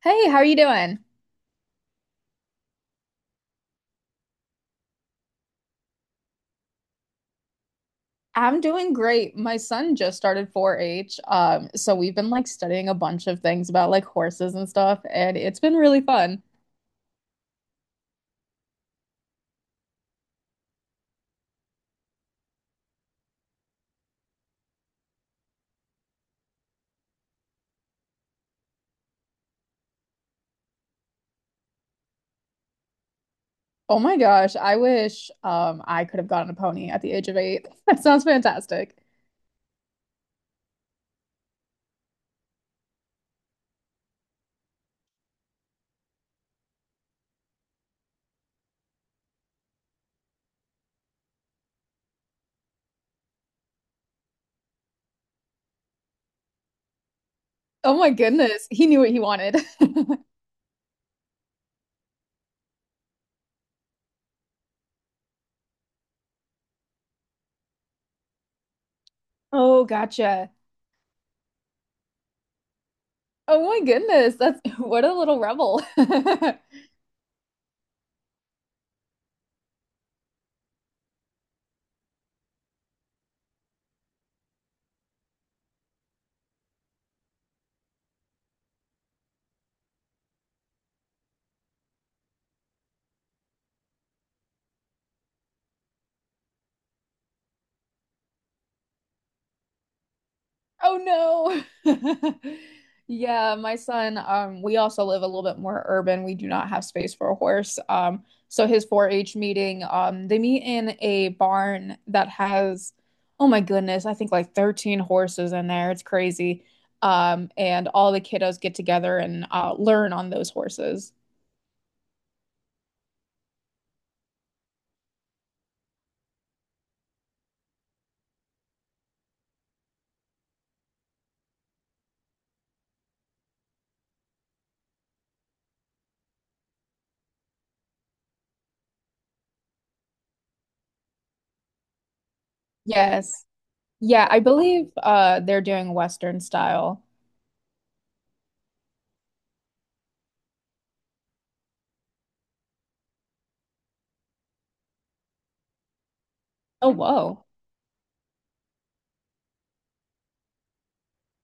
Hey, how are you doing? I'm doing great. My son just started 4-H. So we've been studying a bunch of things about like horses and stuff, and it's been really fun. Oh my gosh, I wish I could have gotten a pony at the age of 8. That sounds fantastic. Oh my goodness, he knew what he wanted. Oh, gotcha. Oh my goodness, that's what a little rebel. Oh no. Yeah, my son, we also live a little bit more urban. We do not have space for a horse. So his 4-H meeting, they meet in a barn that has, oh my goodness, I think like 13 horses in there. It's crazy. And all the kiddos get together and learn on those horses. Yes. Yeah, I believe they're doing Western style. Oh, whoa.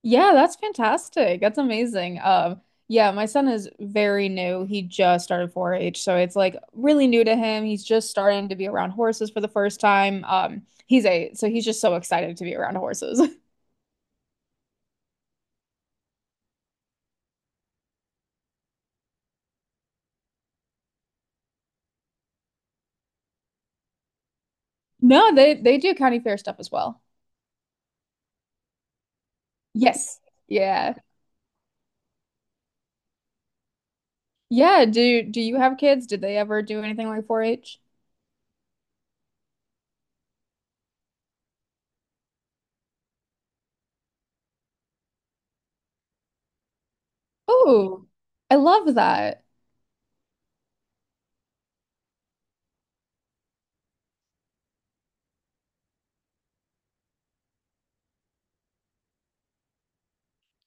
Yeah, that's fantastic. That's amazing. Yeah, my son is very new. He just started 4-H, so it's like really new to him. He's just starting to be around horses for the first time. He's 8, so he's just so excited to be around horses. No, they do county fair stuff as well. Yes. Yeah. Yeah, do you have kids? Did they ever do anything like 4-H? Oh, I love that.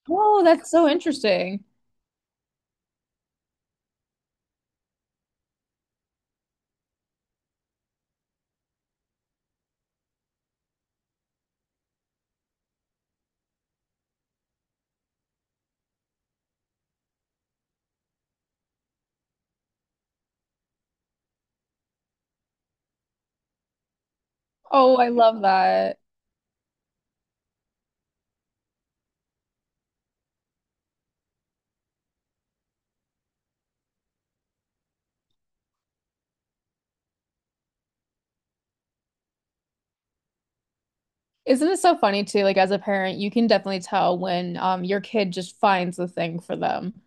Oh, that's so interesting. Oh, I love that. Isn't it so funny too? Like as a parent, you can definitely tell when your kid just finds the thing for them.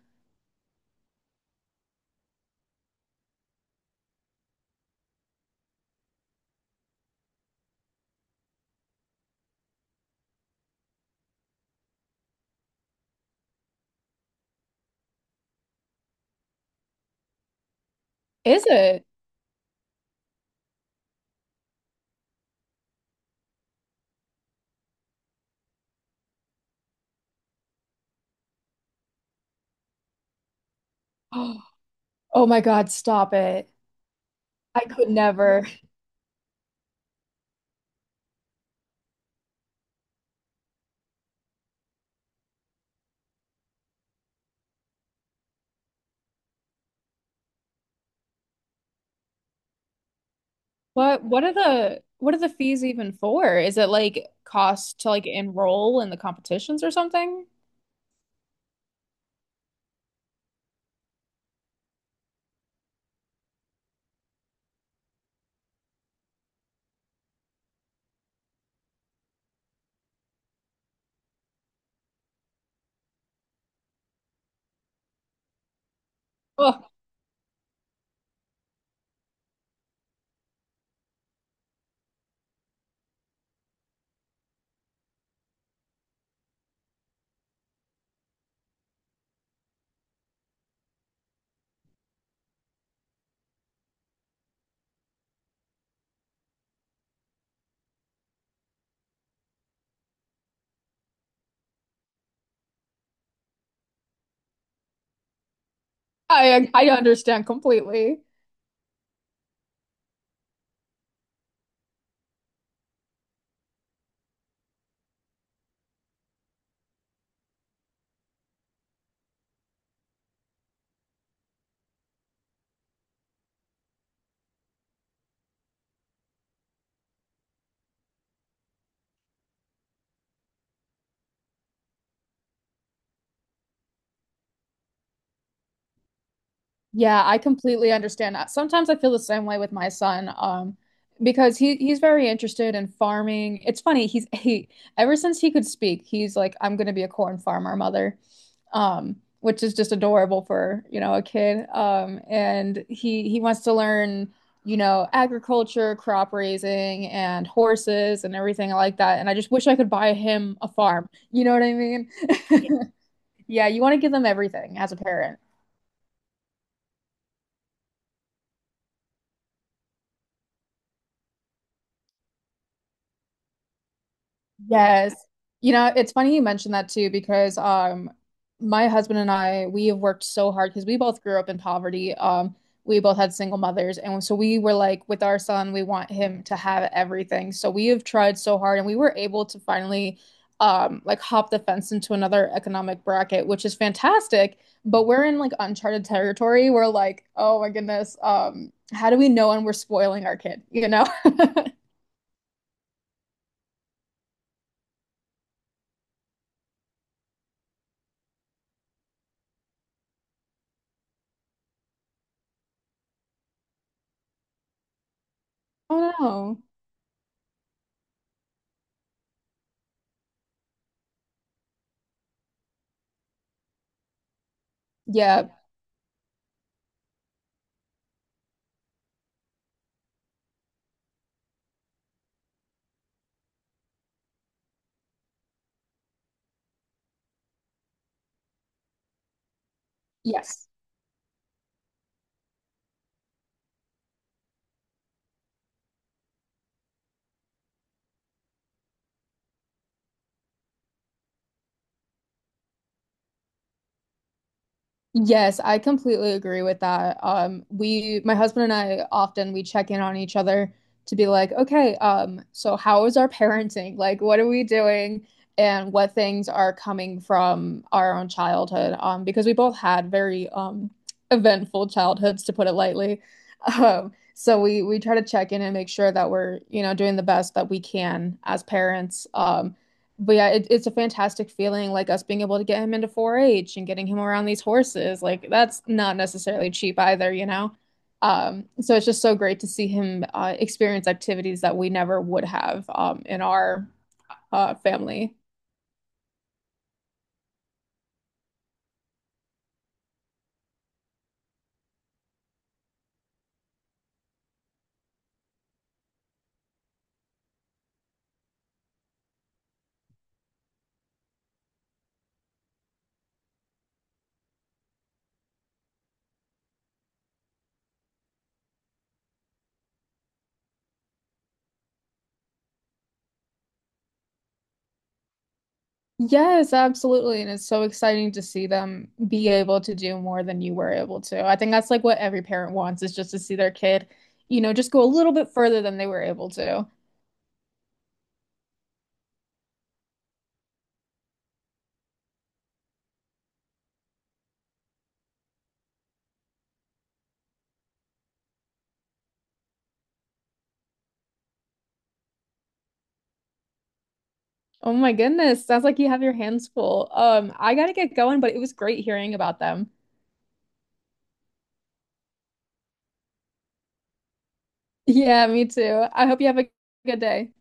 Is it? Oh my God, stop it. I could never. What are the what are the fees even for? Is it like cost to like enroll in the competitions or something? Oh, I understand completely. Yeah, I completely understand that. Sometimes I feel the same way with my son, because he's very interested in farming. It's funny, he's he ever since he could speak, he's like, I'm gonna be a corn farmer, mother. Which is just adorable for, you know, a kid. And he wants to learn, you know, agriculture, crop raising, and horses and everything like that. And I just wish I could buy him a farm. You know what I mean? Yeah. Yeah, you want to give them everything as a parent. Yes. You know, it's funny you mentioned that too because my husband and I we have worked so hard because we both grew up in poverty. We both had single mothers and so we were like with our son we want him to have everything. So we have tried so hard and we were able to finally like hop the fence into another economic bracket, which is fantastic, but we're in like uncharted territory. We're like, "Oh my goodness, how do we know when we're spoiling our kid?" You know? Oh no. Yeah. Yes. Yes, I completely agree with that. We, my husband and I often we check in on each other to be like, okay, so how is our parenting? Like, what are we doing? And what things are coming from our own childhood? Because we both had very eventful childhoods, to put it lightly. So we try to check in and make sure that we're, you know, doing the best that we can as parents. But yeah, it's a fantastic feeling, like us being able to get him into 4-H and getting him around these horses. Like that's not necessarily cheap either, you know? So it's just so great to see him experience activities that we never would have in our family. Yes, absolutely. And it's so exciting to see them be able to do more than you were able to. I think that's like what every parent wants is just to see their kid, you know, just go a little bit further than they were able to. Oh my goodness. Sounds like you have your hands full. I gotta get going, but it was great hearing about them. Yeah, me too. I hope you have a good day.